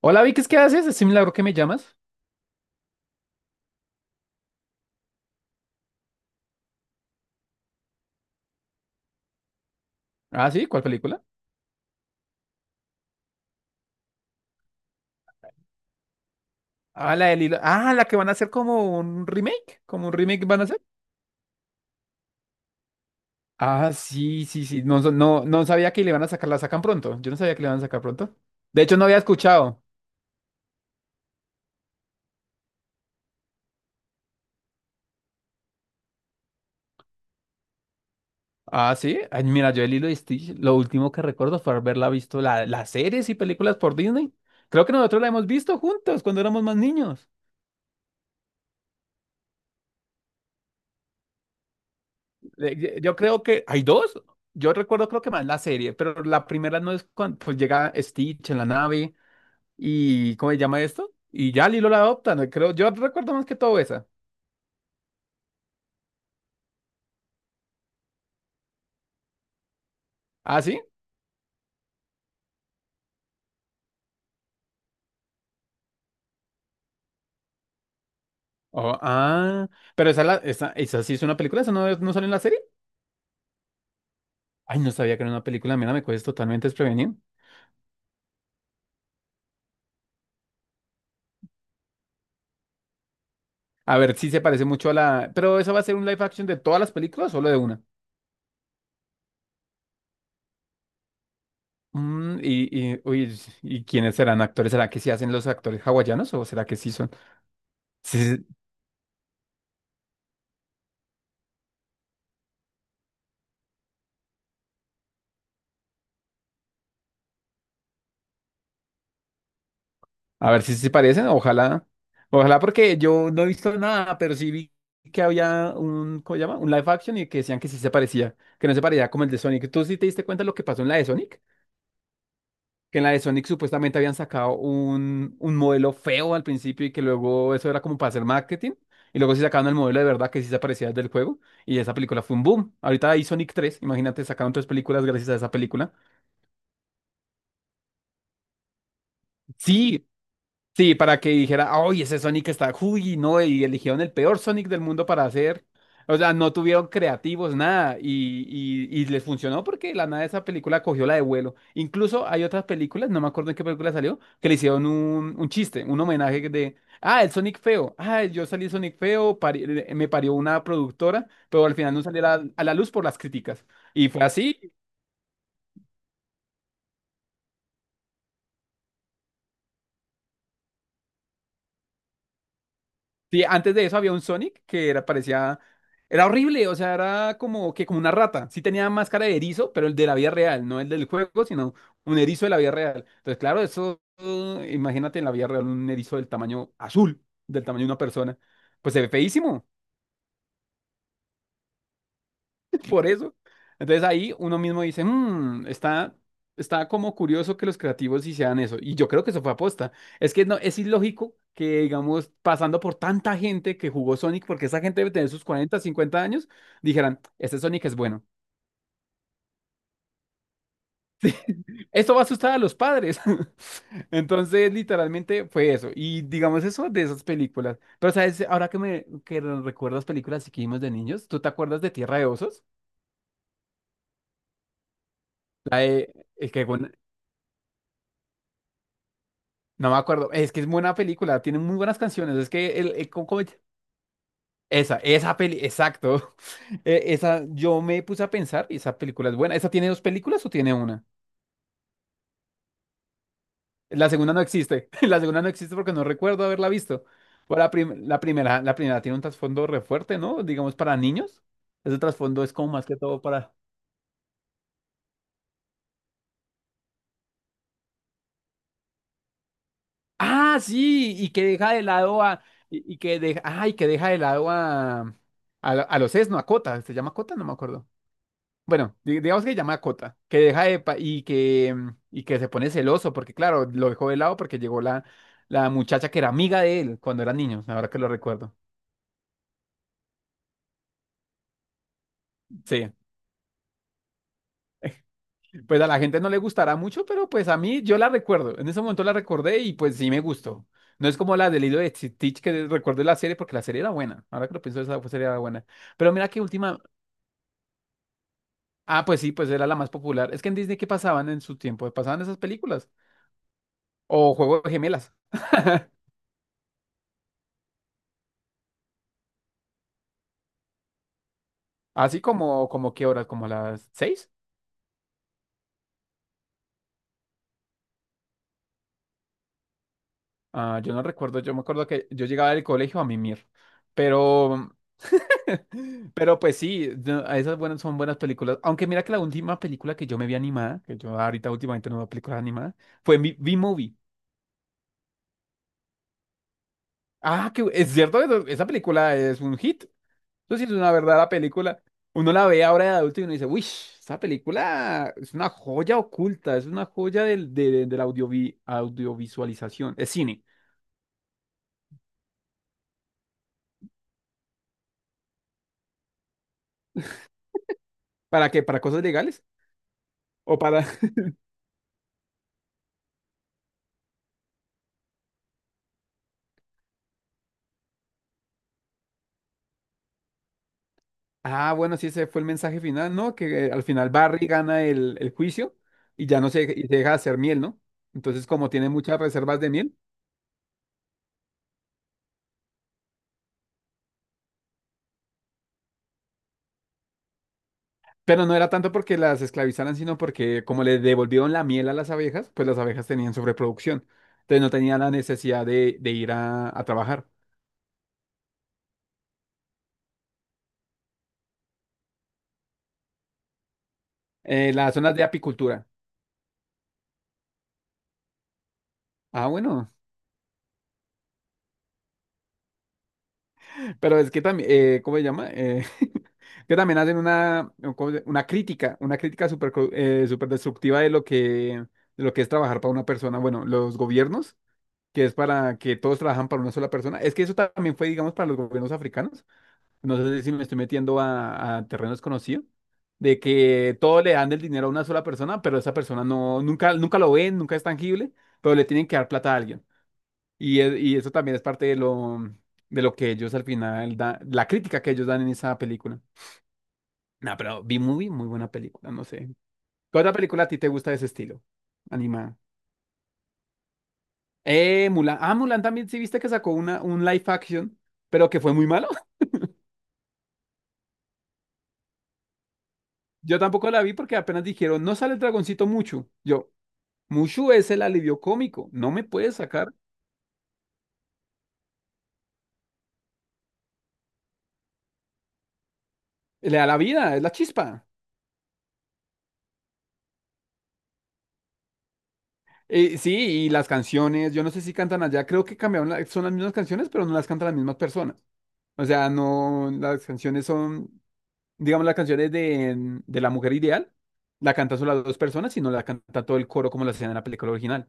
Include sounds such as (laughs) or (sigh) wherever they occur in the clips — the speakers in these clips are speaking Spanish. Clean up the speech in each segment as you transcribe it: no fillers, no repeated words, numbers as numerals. Hola Vicky, ¿qué haces? Es un milagro que me llamas. Ah, sí, ¿cuál película? Ah, la del hilo. Ah, la que van a hacer como un remake. Como un remake van a hacer. Ah, sí, sí, sí. No, no, no sabía que le iban a sacar, la sacan pronto. Yo no sabía que le iban a sacar pronto. De hecho, no había escuchado. Ah, sí. Ay, mira, yo el hilo de Stitch, lo último que recuerdo fue haberla visto las series y películas por Disney. Creo que nosotros la hemos visto juntos cuando éramos más niños. Yo creo que hay dos. Yo recuerdo creo que más la serie, pero la primera no es cuando pues, llega Stitch en la nave. ¿Y cómo se llama esto? Y ya Lilo la adopta, no creo. Yo recuerdo más que todo esa. ¿Ah, sí? Oh, ah, pero esa sí es una película, esa no, no sale en la serie. Ay, no sabía que era una película, mira, me coges totalmente desprevenido. A ver, sí se parece mucho a la. Pero ¿esa va a ser un live action de todas las películas o solo de una? Uy, ¿y quiénes serán actores? ¿Será que sí hacen los actores hawaianos o será que sí son? Sí. A ver si se parecen, ojalá. Ojalá porque yo no he visto nada, pero sí vi que había un, ¿cómo se llama? Un live action y que decían que sí se parecía, que no se parecía como el de Sonic. ¿Tú sí te diste cuenta de lo que pasó en la de Sonic? Que en la de Sonic supuestamente habían sacado un modelo feo al principio y que luego eso era como para hacer marketing. Y luego sí sacaron el modelo de verdad que sí se parecía al del juego. Y esa película fue un boom. Ahorita hay Sonic 3, imagínate, sacaron tres películas gracias a esa película. Sí. Sí, para que dijera, ¡ay, ese Sonic está, uy, no! Y eligieron el peor Sonic del mundo para hacer. O sea, no tuvieron creativos, nada. Y les funcionó porque de la nada esa película cogió la de vuelo. Incluso hay otras películas, no me acuerdo en qué película salió, que le hicieron un chiste, un homenaje de, ah, el Sonic feo. Ah, yo salí Sonic feo, me parió una productora, pero al final no salió a la luz por las críticas. Y fue así. Sí, antes de eso había un Sonic que era, parecía, era horrible, o sea, era como que como una rata. Sí tenía máscara de erizo, pero el de la vida real, no el del juego, sino un erizo de la vida real. Entonces, claro, eso, imagínate en la vida real un erizo del tamaño azul, del tamaño de una persona. Pues se ve feísimo. Por eso. Entonces ahí uno mismo dice, "Mm, está como curioso que los creativos hicieran eso. Y yo creo que eso fue aposta. Es que no, es ilógico que, digamos, pasando por tanta gente que jugó Sonic, porque esa gente debe tener sus 40 50 años, dijeran, este Sonic es bueno. Esto va a asustar a los padres. (laughs) Entonces, literalmente fue eso. Y digamos eso de esas películas. Pero, ¿sabes? Ahora que me que recuerdas películas que vimos de niños, ¿tú te acuerdas de Tierra de Osos? La de- que, bueno. No me acuerdo. Es que es buena película, tiene muy buenas canciones. Es que ¿cómo es? Esa peli, exacto. (laughs) Esa, yo me puse a pensar y esa película es buena. ¿Esa tiene dos películas o tiene una? La segunda no existe. (laughs) La segunda no existe porque no recuerdo haberla visto. O la, prim- la primera tiene un trasfondo re fuerte, ¿no? Digamos para niños. Ese trasfondo es como más que todo para. Ah, sí, y que deja de lado a, y que deja de lado a, a los Esno, a Cota. ¿Se llama Cota? No me acuerdo. Bueno, digamos que llama a Cota, que deja de y que, y que se pone celoso, porque claro, lo dejó de lado porque llegó la muchacha que era amiga de él cuando eran niños, ahora que lo recuerdo. Sí, pues a la gente no le gustará mucho, pero pues a mí yo la recuerdo. En ese momento la recordé y pues sí me gustó. No es como la del hilo de Stitch que recuerdo la serie, porque la serie era buena. Ahora que lo pienso, esa serie era buena. Pero mira que última. Ah, pues sí, pues era la más popular. Es que en Disney, ¿qué pasaban en su tiempo? Pasaban esas películas. O Juego de Gemelas. (laughs) Así como, como qué horas, como a las 6. Ah, yo no recuerdo, yo me acuerdo que yo llegaba del colegio a mimir. Pero, (laughs) pero pues sí, no, esas buenas son buenas películas. Aunque mira que la última película que yo me vi animada, que yo ahorita últimamente no veo películas animadas, fue mi B-Movie. Ah, que es cierto, esa película es un hit. Eso sí es una verdadera película. Uno la ve ahora de adulto y uno dice, uy, esa película es una joya oculta, es una joya de la audiovisualización, es cine. ¿Para qué? ¿Para cosas legales? ¿O para...? (laughs) Ah, bueno, sí, ese fue el mensaje final, ¿no? Que al final Barry gana el juicio y ya no se, y se deja de hacer miel, ¿no? Entonces, como tiene muchas reservas de miel, pero no era tanto porque las esclavizaran, sino porque como le devolvieron la miel a las abejas, pues las abejas tenían sobreproducción. Entonces no tenían la necesidad de ir a trabajar. Las zonas de apicultura. Ah, bueno. Pero es que también, ¿cómo se llama? (laughs) Que también hacen una, ¿cómo una crítica súper destructiva de lo que es trabajar para una persona. Bueno, los gobiernos, que es para que todos trabajan para una sola persona. Es que eso también fue, digamos, para los gobiernos africanos. No sé si me estoy metiendo a terreno desconocido, de que todo le dan el dinero a una sola persona, pero esa persona no, nunca, nunca lo ven, nunca es tangible, pero le tienen que dar plata a alguien. Y eso también es parte de lo que ellos al final dan, la crítica que ellos dan en esa película. No, pero B-Movie, muy buena película, no sé. ¿Qué otra película a ti te gusta de ese estilo? Animada. Mulan. Ah, Mulan también, sí viste que sacó un live action, pero que fue muy malo. (laughs) Yo tampoco la vi porque apenas dijeron, no sale el dragoncito Mushu. Yo, Mushu es el alivio cómico, no me puedes sacar. Le da la vida, es la chispa. Sí, y las canciones, yo no sé si cantan allá, creo que cambiaron, son las mismas canciones, pero no las cantan las mismas personas. O sea, no, las canciones son, digamos, las canciones de La Mujer Ideal, la cantan solo las dos personas, sino la canta todo el coro como la hacían en la película original.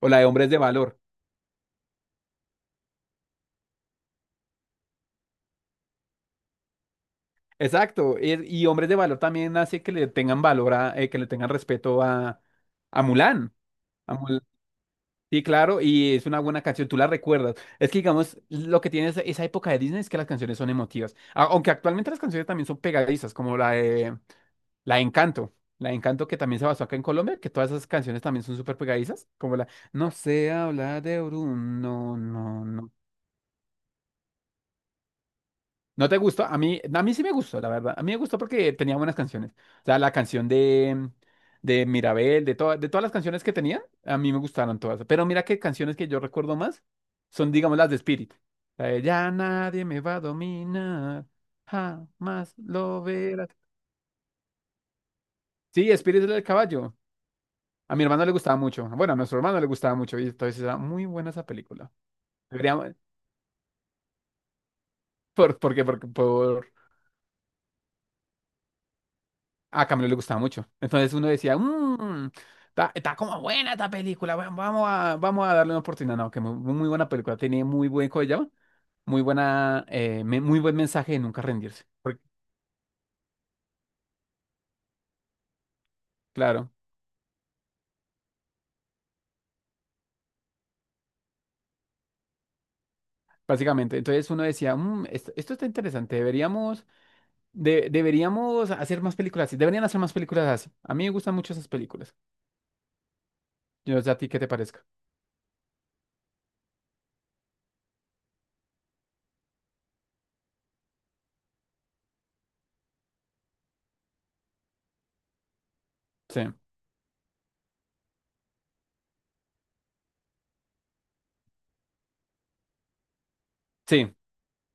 O la de Hombres de Valor. Exacto. Y Hombres de Valor también hace que le tengan valor a, que le tengan respeto a, Mulan. A Mul- Sí, claro, y es una buena canción, tú la recuerdas. Es que, digamos, lo que tiene esa, esa época de Disney es que las canciones son emotivas. Aunque actualmente las canciones también son pegadizas, como La de Encanto. La de Encanto que también se basó acá en Colombia, que todas esas canciones también son súper pegadizas, como la. No sé hablar de Orun, no, no, no. ¿No te gustó? A mí sí me gustó, la verdad. A mí me gustó porque tenía buenas canciones. O sea, la canción de Mirabel, de todas las canciones que tenía, a mí me gustaron todas. Pero mira que canciones que yo recuerdo más son, digamos, las de Spirit. La de, ya nadie me va a dominar, jamás lo verás. Sí, Spirit es el del caballo. A mi hermano le gustaba mucho. Bueno, a nuestro hermano le gustaba mucho. Y entonces era muy buena esa película. Deberíamos. Porque por. A Camilo le gustaba mucho. Entonces uno decía, está como buena esta película. Vamos a, darle una oportunidad. No, que muy, muy buena película. Tenía muy buen, ¿cómo se llama? Muy buena, muy buen mensaje de nunca rendirse. Porque, claro, básicamente. Entonces uno decía, esto está interesante. Deberíamos hacer más películas así. Deberían hacer más películas así. A mí me gustan mucho esas películas. Yo no sé a ti qué te parezca. Sí. Sí,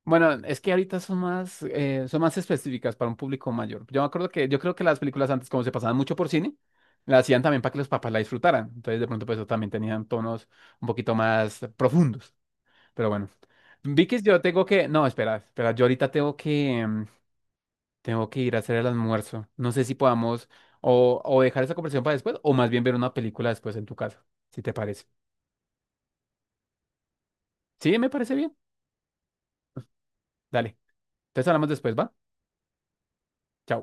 bueno, es que ahorita son más específicas para un público mayor. Yo me acuerdo que, yo creo que las películas antes, como se pasaban mucho por cine, las hacían también para que los papás la disfrutaran. Entonces, de pronto, pues, eso también tenían tonos un poquito más profundos. Pero bueno, Vicky, yo tengo que, no, espera, espera, yo ahorita tengo que ir a hacer el almuerzo. No sé si podamos o dejar esa conversación para después, o más bien ver una película después en tu casa, si te parece. Sí, me parece bien. Dale, entonces hablamos después, ¿va? Chao.